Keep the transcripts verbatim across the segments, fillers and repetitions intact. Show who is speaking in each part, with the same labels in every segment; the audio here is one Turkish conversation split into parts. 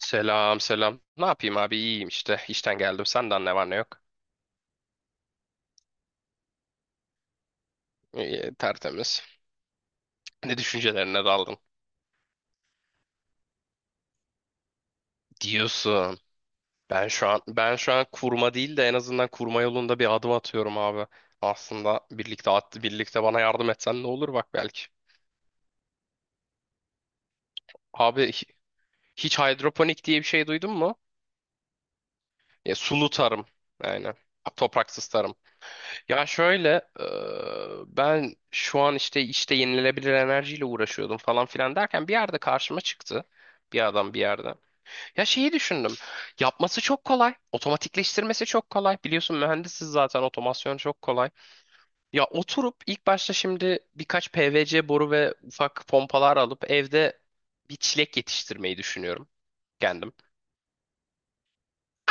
Speaker 1: Selam selam. Ne yapayım abi iyiyim işte. İşten geldim. Senden ne var ne yok? İyi, tertemiz. Ne düşüncelerine daldın? Diyorsun. Ben şu an ben şu an kurma değil de en azından kurma yolunda bir adım atıyorum abi. Aslında birlikte at, birlikte bana yardım etsen ne olur bak belki. Abi hi- hiç hidroponik diye bir şey duydun mu? Ya, sulu tarım. Yani topraksız tarım. Ya şöyle, eee, ben şu an işte işte yenilenebilir enerjiyle uğraşıyordum falan filan derken bir yerde karşıma çıktı. Bir adam bir yerde. Ya şeyi düşündüm. Yapması çok kolay. Otomatikleştirmesi çok kolay. Biliyorsun mühendisiz zaten otomasyon çok kolay. Ya oturup ilk başta şimdi birkaç P V C boru ve ufak pompalar alıp evde bir çilek yetiştirmeyi düşünüyorum kendim.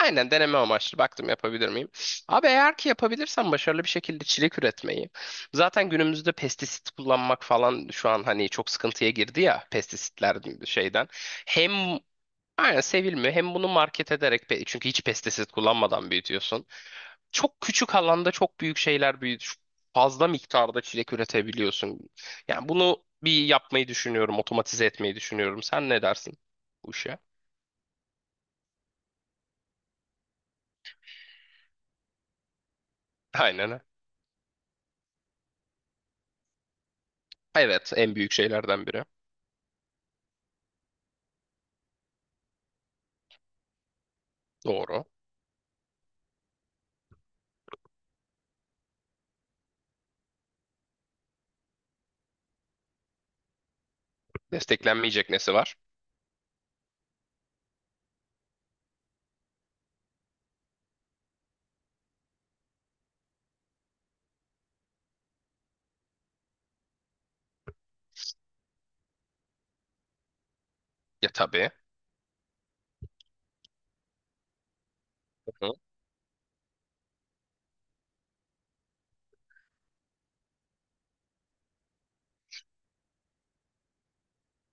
Speaker 1: Aynen deneme amaçlı baktım yapabilir miyim? Abi eğer ki yapabilirsem başarılı bir şekilde çilek üretmeyi. Zaten günümüzde pestisit kullanmak falan şu an hani çok sıkıntıya girdi ya pestisitler şeyden. Hem aynen sevilmiyor hem bunu market ederek pe- çünkü hiç pestisit kullanmadan büyütüyorsun. Çok küçük alanda çok büyük şeyler büyüt fazla miktarda çilek üretebiliyorsun. Yani bunu bir yapmayı düşünüyorum, otomatize etmeyi düşünüyorum. Sen ne dersin bu işe? Aynen. Evet, en büyük şeylerden biri. Doğru. Desteklenmeyecek nesi var? Ya tabii. Hı hı.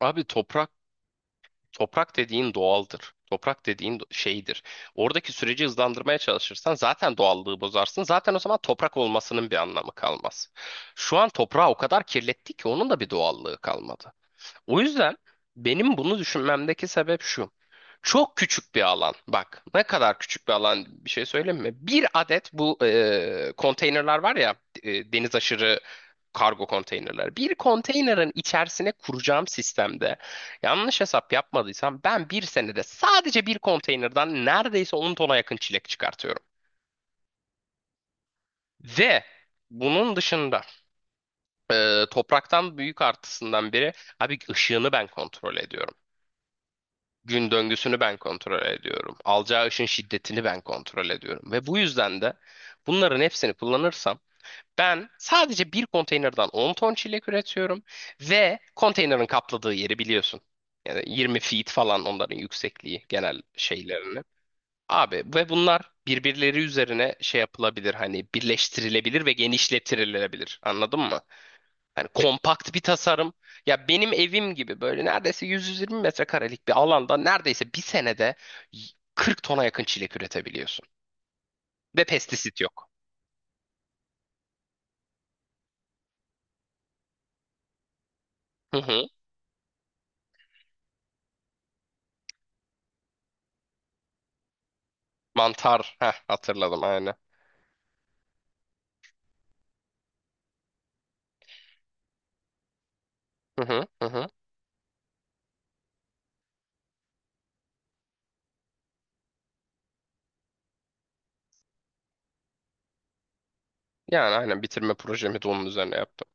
Speaker 1: Abi toprak toprak dediğin doğaldır. Toprak dediğin do- şeydir. Oradaki süreci hızlandırmaya çalışırsan zaten doğallığı bozarsın. Zaten o zaman toprak olmasının bir anlamı kalmaz. Şu an toprağı o kadar kirlettik ki onun da bir doğallığı kalmadı. O yüzden benim bunu düşünmemdeki sebep şu. Çok küçük bir alan. Bak ne kadar küçük bir alan bir şey söyleyeyim mi? Bir adet bu e, konteynerler var ya e, deniz aşırı kargo konteynerler. Bir konteynerin içerisine kuracağım sistemde yanlış hesap yapmadıysam ben bir senede sadece bir konteynerden neredeyse on tona yakın çilek çıkartıyorum. Ve bunun dışında e, topraktan büyük artısından biri abi ışığını ben kontrol ediyorum. Gün döngüsünü ben kontrol ediyorum. Alacağı ışın şiddetini ben kontrol ediyorum. Ve bu yüzden de bunların hepsini kullanırsam ben sadece bir konteynerden on ton çilek üretiyorum ve konteynerin kapladığı yeri biliyorsun. Yani 20 feet falan onların yüksekliği genel şeylerini. Abi ve bunlar birbirleri üzerine şey yapılabilir hani birleştirilebilir ve genişletilebilir. Anladın mı? Yani kompakt bir tasarım. Ya benim evim gibi böyle neredeyse yüz yüz yirmi metrekarelik bir alanda neredeyse bir senede kırk tona yakın çilek üretebiliyorsun. Ve pestisit yok. Hı hı. Mantar. Heh, hatırladım aynen. Hı hı, hı hı. Yani aynen bitirme projemi de onun üzerine yaptım.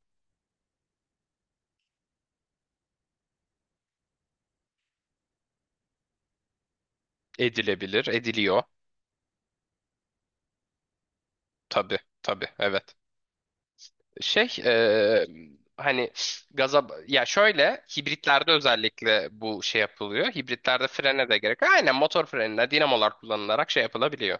Speaker 1: Edilebilir, ediliyor. Tabii, tabii, evet. Şey, eee, hani gaza, ya şöyle hibritlerde özellikle bu şey yapılıyor. Hibritlerde frene de gerek. Aynen motor frenine dinamolar kullanılarak şey yapılabiliyor.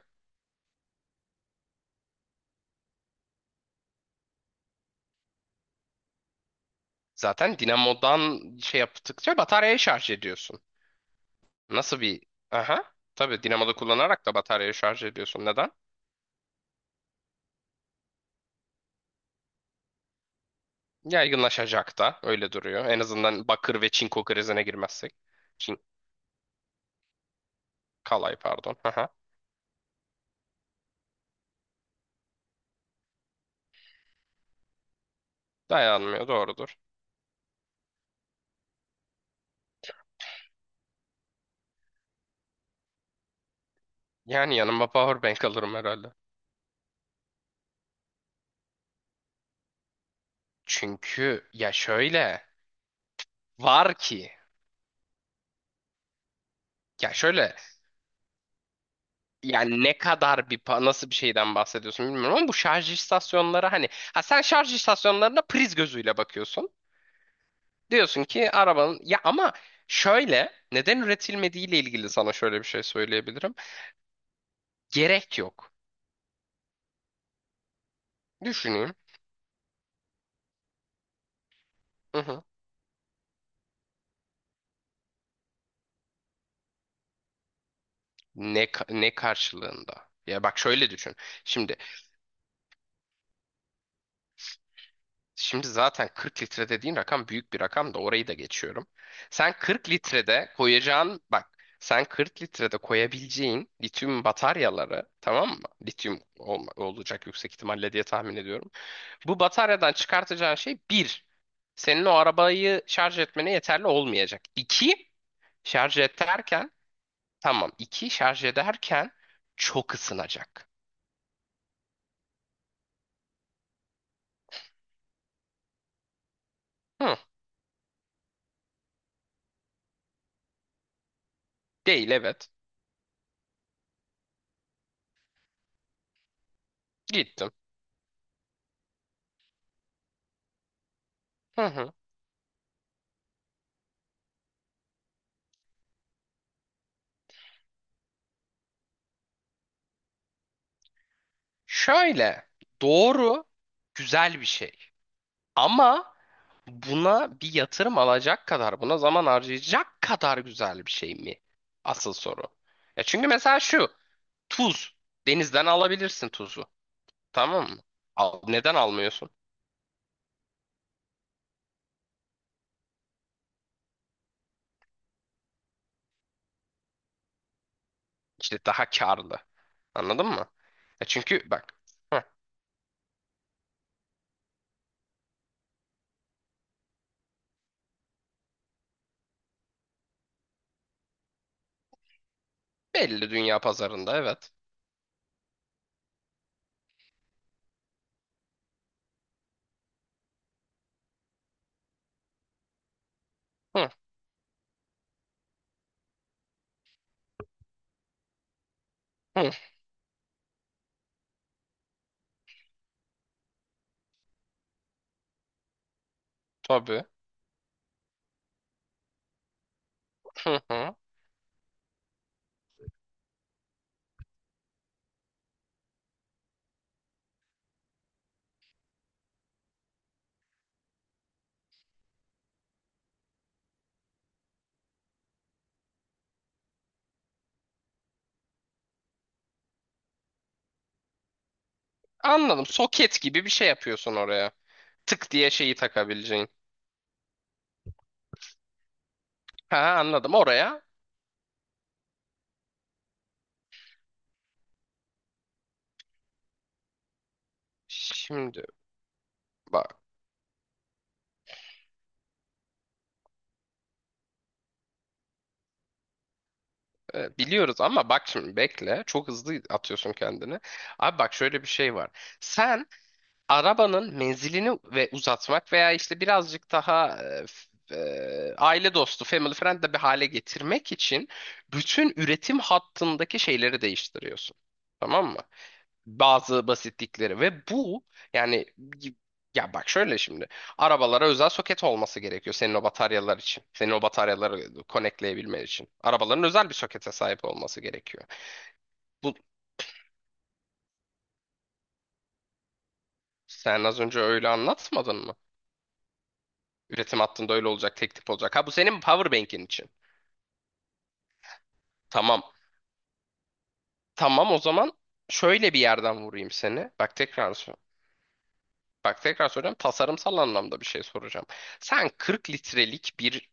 Speaker 1: Zaten dinamodan şey yaptıkça bataryayı şarj ediyorsun. Nasıl bir... Aha. Tabii dinamoda kullanarak da bataryayı şarj ediyorsun. Neden? Yaygınlaşacak da öyle duruyor. En azından bakır ve çinko krizine girmezsek. Çin... Kalay pardon. Aha. Dayanmıyor doğrudur. Yani yanıma powerbank alırım herhalde. Çünkü ya şöyle var ki ya şöyle yani ne kadar bir pa- nasıl bir şeyden bahsediyorsun bilmiyorum ama bu şarj istasyonları hani ha sen şarj istasyonlarına priz gözüyle bakıyorsun. Diyorsun ki arabanın ya ama şöyle neden üretilmediği ile ilgili sana şöyle bir şey söyleyebilirim. Gerek yok. Düşüneyim. Hı hı. Ne ka- ne karşılığında? Ya bak şöyle düşün. Şimdi şimdi zaten kırk litre dediğin rakam büyük bir rakam da orayı da geçiyorum. Sen kırk litrede koyacağın bak sen kırk litrede koyabileceğin lityum bataryaları tamam mı? Lityum olma- olacak yüksek ihtimalle diye tahmin ediyorum. Bu bataryadan çıkartacağın şey bir, senin o arabayı şarj etmene yeterli olmayacak. İki, şarj ederken tamam iki şarj ederken çok ısınacak. Hı, değil evet. Gittim. Hı hı. Şöyle doğru güzel bir şey. Ama buna bir yatırım alacak kadar buna zaman harcayacak kadar güzel bir şey mi? Asıl soru. Ya çünkü mesela şu tuz denizden alabilirsin tuzu. Tamam mı? Al, neden almıyorsun? İşte daha karlı. Anladın mı? E çünkü bak hı, belli dünya pazarında evet. Hı, hı, tabii. Hı, hı. Anladım. Soket gibi bir şey yapıyorsun oraya. Tık diye şeyi takabileceğin. Ha anladım oraya. Şimdi bak e, biliyoruz ama bak şimdi bekle. Çok hızlı atıyorsun kendini. Abi bak şöyle bir şey var. Sen arabanın menzilini ve uzatmak veya işte birazcık daha e, f- e, aile dostu, family friend de bir hale getirmek için bütün üretim hattındaki şeyleri değiştiriyorsun. Tamam mı? Bazı basitlikleri ve bu yani ya bak şöyle şimdi arabalara özel soket olması gerekiyor senin o bataryalar için. Senin o bataryaları konekleyebilmen için. Arabaların özel bir sokete sahip olması gerekiyor. Bu sen az önce öyle anlatmadın mı? Üretim hattında öyle olacak, tek tip olacak. Ha bu senin powerbank'in için. Tamam. Tamam o zaman şöyle bir yerden vurayım seni. Bak tekrar sor. Bak tekrar soracağım. Tasarımsal anlamda bir şey soracağım. Sen kırk litrelik bir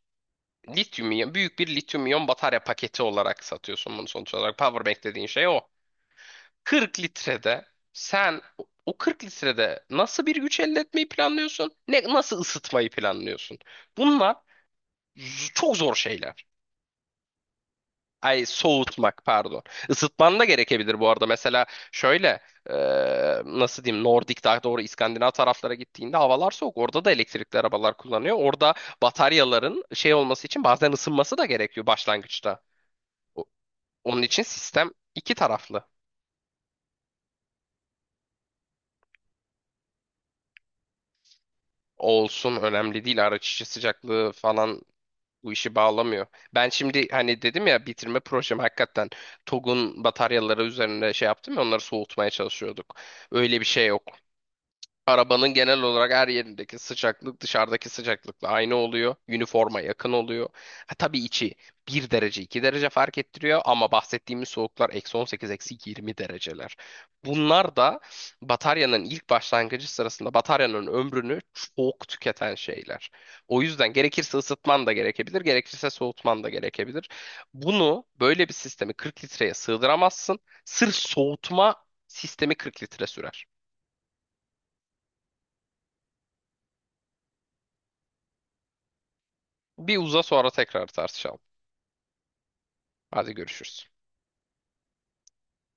Speaker 1: lityum iyon, büyük bir lityum iyon batarya paketi olarak satıyorsun bunu sonuç olarak. Powerbank dediğin şey o. kırk litrede sen o o kırk litrede nasıl bir güç elde etmeyi planlıyorsun? Ne, nasıl ısıtmayı planlıyorsun? Bunlar z- çok zor şeyler. Ay soğutmak pardon. Isıtman da gerekebilir bu arada. Mesela şöyle e, nasıl diyeyim Nordik daha doğru İskandinav taraflara gittiğinde havalar soğuk. Orada da elektrikli arabalar kullanıyor. Orada bataryaların şey olması için bazen ısınması da gerekiyor başlangıçta. O- Onun için sistem iki taraflı olsun önemli değil. Araç içi sıcaklığı falan bu işi bağlamıyor. Ben şimdi hani dedim ya bitirme projem hakikaten T O G'un bataryaları üzerine şey yaptım ya onları soğutmaya çalışıyorduk. Öyle bir şey yok. Arabanın genel olarak her yerindeki sıcaklık dışarıdaki sıcaklıkla aynı oluyor. Üniforma yakın oluyor. Ha, tabii içi bir derece iki derece fark ettiriyor ama bahsettiğimiz soğuklar eksi on sekiz eksi yirmi dereceler. Bunlar da bataryanın ilk başlangıcı sırasında bataryanın ömrünü çok tüketen şeyler. O yüzden gerekirse ısıtman da gerekebilir, gerekirse soğutman da gerekebilir. Bunu böyle bir sistemi kırk litreye sığdıramazsın. Sırf soğutma sistemi kırk litre sürer. Bir uza sonra tekrar tartışalım. Hadi görüşürüz.